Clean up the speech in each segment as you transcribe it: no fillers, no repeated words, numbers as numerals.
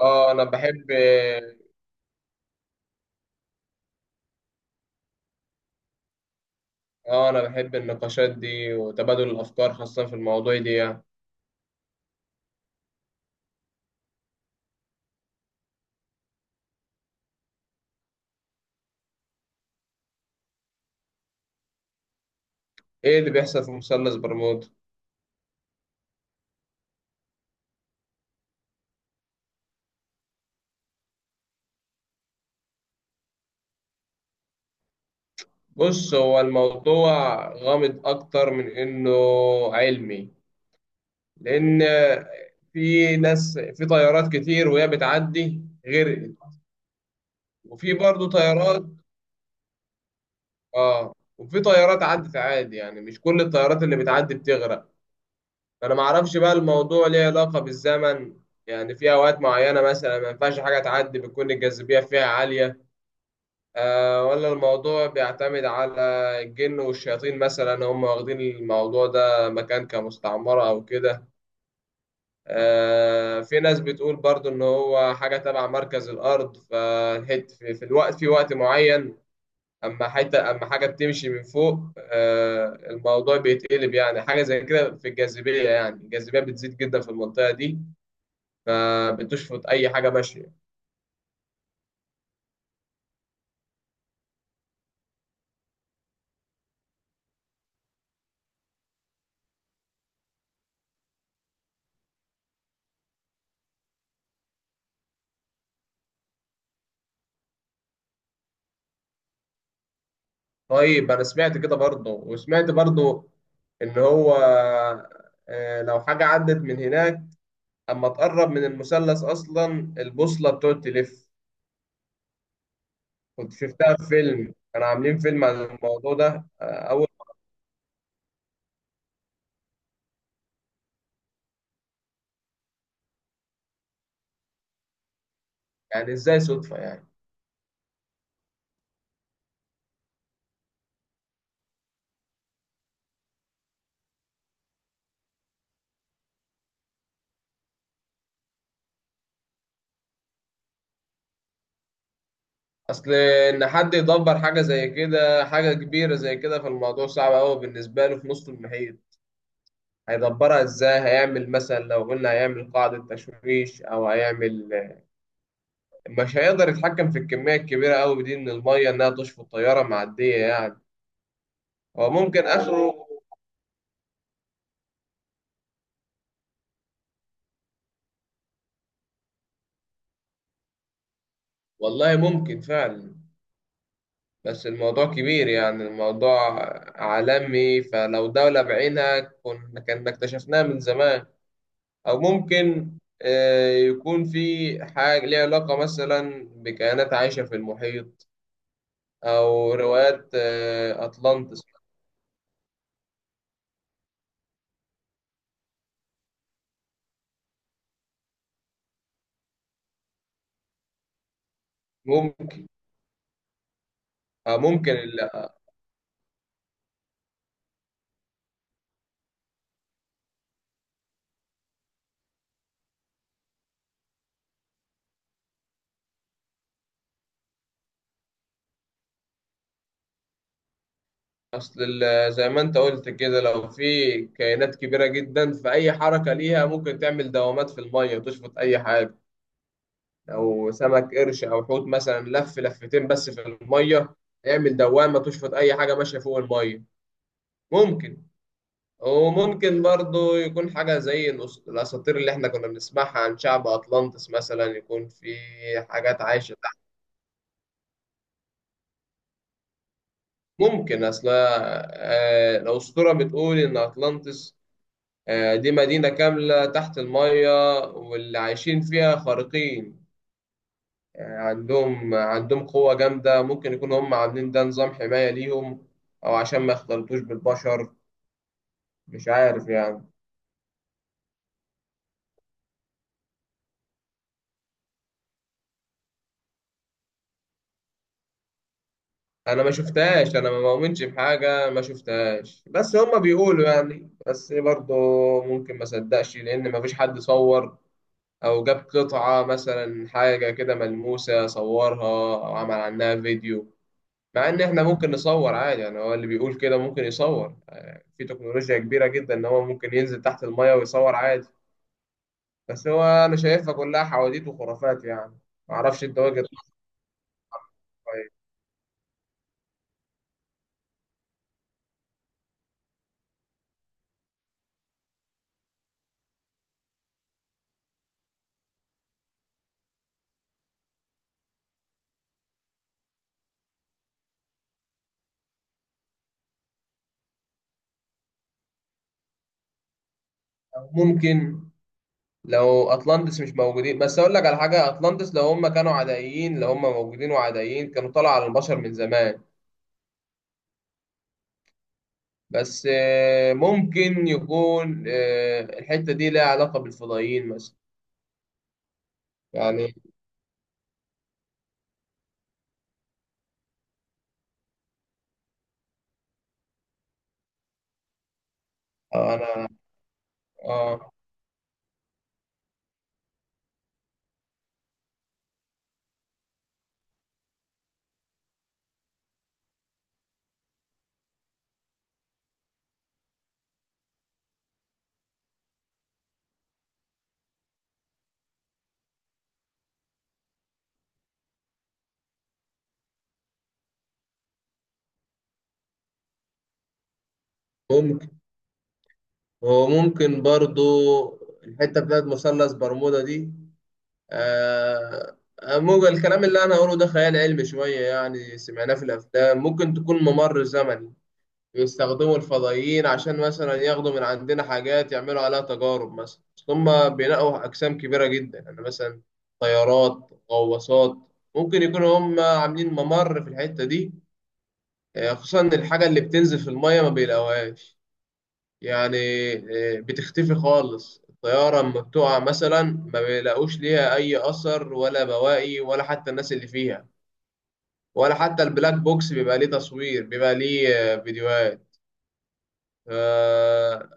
اه انا بحب اه انا بحب النقاشات دي وتبادل الافكار خاصة في المواضيع دي يعني. ايه اللي بيحصل في مثلث برمودا؟ بص، هو الموضوع غامض اكتر من انه علمي، لان في ناس في طيارات كتير وهي بتعدي غرقت، وفي برضه طيارات اه وفي طيارات عدت عادي، يعني مش كل الطيارات اللي بتعدي بتغرق. فانا ما اعرفش بقى الموضوع ليه علاقه بالزمن، يعني في اوقات معينه مثلا ما ينفعش حاجه تعدي، بتكون الجاذبيه فيها عاليه. ولا الموضوع بيعتمد على الجن والشياطين مثلا، هم واخدين الموضوع ده مكان كمستعمره او كده. في ناس بتقول برضو ان هو حاجه تبع مركز الارض، فالحت في وقت معين اما حاجه بتمشي من فوق الموضوع بيتقلب، يعني حاجه زي كده في الجاذبيه، يعني الجاذبيه بتزيد جدا في المنطقه دي فبتشفط اي حاجه ماشيه. طيب، انا سمعت كده برضه، وسمعت برضه ان هو لو حاجه عدت من هناك اما تقرب من المثلث اصلا البوصله بتقعد تلف. كنت شفتها في فيلم، كانوا عاملين فيلم عن الموضوع ده اول يعني ازاي صدفه يعني؟ اصل ان حد يدبر حاجه زي كده، حاجه كبيره زي كده، فالموضوع صعب قوي بالنسبه له في نص المحيط. هيدبرها ازاي؟ هيعمل مثلا لو قلنا هيعمل قاعده تشويش او هيعمل، مش هيقدر يتحكم في الكمية الكبيرة أوي دي من المية إنها تشفط الطيارة معدية يعني. هو ممكن آخره. والله ممكن فعلا، بس الموضوع كبير، يعني الموضوع عالمي، فلو دولة بعينها كنا اكتشفناها من زمان. أو ممكن يكون في حاجة ليها علاقة مثلا بكائنات عايشة في المحيط، أو روايات، أطلانتس. ممكن. أو ممكن، زي ما انت قلت كده، لو في كائنات كبيره جدا، فاي حركه ليها ممكن تعمل دوامات في الميه تشفط اي حاجه. لو سمك قرش او حوت مثلا لف لفتين بس في الميه يعمل دوامه تشفط اي حاجه ماشيه فوق الميه. ممكن. وممكن برضو يكون حاجه زي الاساطير اللي احنا كنا بنسمعها عن شعب اطلانتس، مثلا يكون في حاجات عايشه تحت. ممكن. اصل الاسطوره بتقول ان اطلانتس دي مدينة كاملة تحت المية، واللي عايشين فيها خارقين، يعني عندهم قوة جامدة، ممكن يكونوا هم عاملين ده نظام حماية ليهم أو عشان ما يختلطوش بالبشر. مش عارف يعني. أنا ما شفتهاش، أنا ما مؤمنش بحاجة ما شفتهاش، بس هم بيقولوا يعني. بس برضه ممكن ما صدقش لأن ما فيش حد صور أو جاب قطعة مثلا، حاجة كده ملموسة صورها أو عمل عنها فيديو، مع ان احنا ممكن نصور عادي يعني، هو اللي بيقول كده ممكن يصور. في تكنولوجيا كبيرة جدا ان هو ممكن ينزل تحت المية ويصور عادي. بس هو انا شايفها كلها حواديت وخرافات يعني. معرفش، انت وجهة نظرك ايه؟ أو ممكن لو اطلانتس مش موجودين، بس اقول لك على حاجة، اطلانتس لو هم كانوا عدائيين، لو هم موجودين وعدائيين كانوا طلعوا على البشر من زمان. بس ممكن يكون الحتة دي لها علاقة بالفضائيين مثلا، يعني. انا اه ممكن. وممكن برضو الحتة بتاعت مثلث برمودا دي آه ممكن الكلام اللي أنا هقوله ده خيال علمي شوية، يعني سمعناه في الأفلام، ممكن تكون ممر زمني بيستخدموا الفضائيين عشان مثلا ياخدوا من عندنا حاجات يعملوا عليها تجارب. مثلا أصل هما بينقوا أجسام كبيرة جدا، يعني مثلا طيارات، غواصات. ممكن يكونوا هما عاملين ممر في الحتة دي، خصوصا إن الحاجة اللي بتنزل في المية ما بيلاقوهاش يعني. بتختفي خالص، الطيارة لما بتقع مثلا ما بيلاقوش ليها أي أثر ولا بواقي ولا حتى الناس اللي فيها، ولا حتى البلاك بوكس بيبقى ليه تصوير، بيبقى ليه فيديوهات. آه،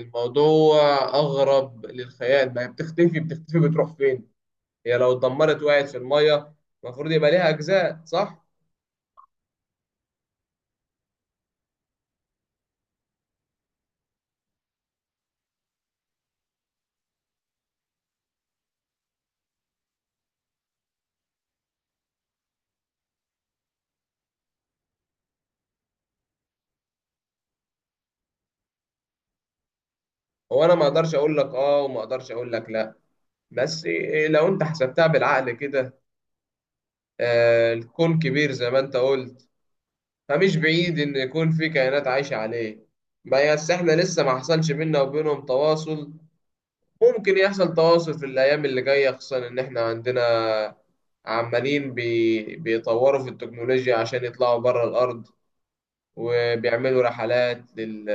الموضوع أغرب للخيال، ما هي بتختفي، بتختفي بتروح فين؟ هي لو اتدمرت وقعت في المية المفروض يبقى ليها أجزاء، صح؟ هو أنا ما أقدرش أقول لك آه، وما أقدرش أقول لك لأ. بس لو أنت حسبتها بالعقل كده، الكون كبير زي ما أنت قلت، فمش بعيد إن يكون في كائنات عايشة عليه، بس إحنا لسه ما حصلش بينا وبينهم تواصل. ممكن يحصل تواصل في الأيام اللي جاية، خصوصا إن إحنا عندنا عمالين بيطوروا في التكنولوجيا عشان يطلعوا بره الأرض، وبيعملوا رحلات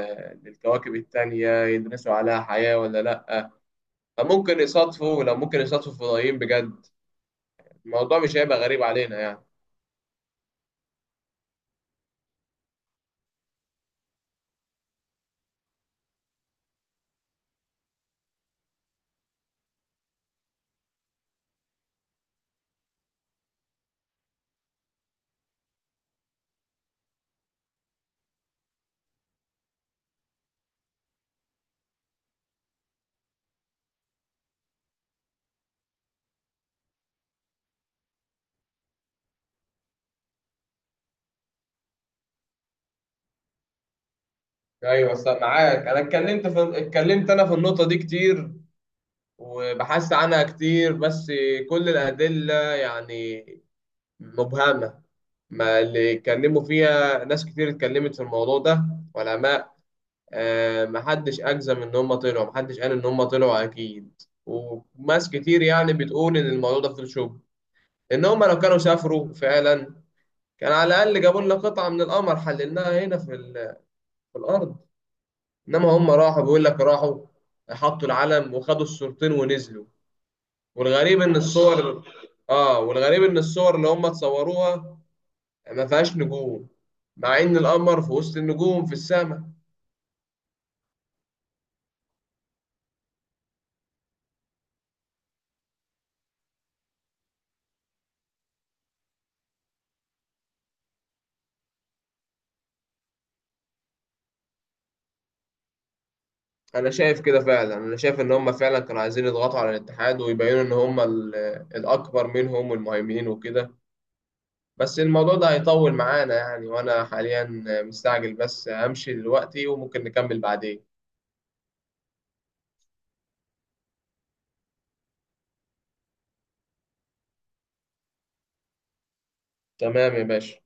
للكواكب التانية يدرسوا عليها حياة ولا لأ. ممكن يصادفوا لو ممكن يصادفوا فضائيين بجد، الموضوع مش هيبقى غريب علينا يعني. ايوه، بس معاك. انا اتكلمت انا في النقطه دي كتير وبحثت عنها كتير، بس كل الأدلة يعني مبهمة. ما اللي اتكلموا فيها ناس كتير، اتكلمت في الموضوع ده علماء، محدش أجزم إن هم طلعوا، محدش قال إن هم طلعوا أكيد، وناس كتير يعني بتقول إن الموضوع ده فوتوشوب، إن هم لو كانوا سافروا فعلا كان على الأقل جابوا لنا قطعة من القمر حللناها هنا في الأرض. إنما هم راحوا، بيقول لك راحوا حطوا العلم وخدوا الصورتين ونزلوا. والغريب ان الصور اه والغريب ان الصور اللي هم اتصوروها ما فيهاش نجوم، مع ان القمر في وسط النجوم في السماء. انا شايف كده فعلا، انا شايف ان هم فعلا كانوا عايزين يضغطوا على الاتحاد ويبينوا ان هم الاكبر منهم والمهيمنين وكده. بس الموضوع ده هيطول معانا يعني، وانا حاليا مستعجل، بس همشي دلوقتي وممكن نكمل بعدين. تمام يا باشا.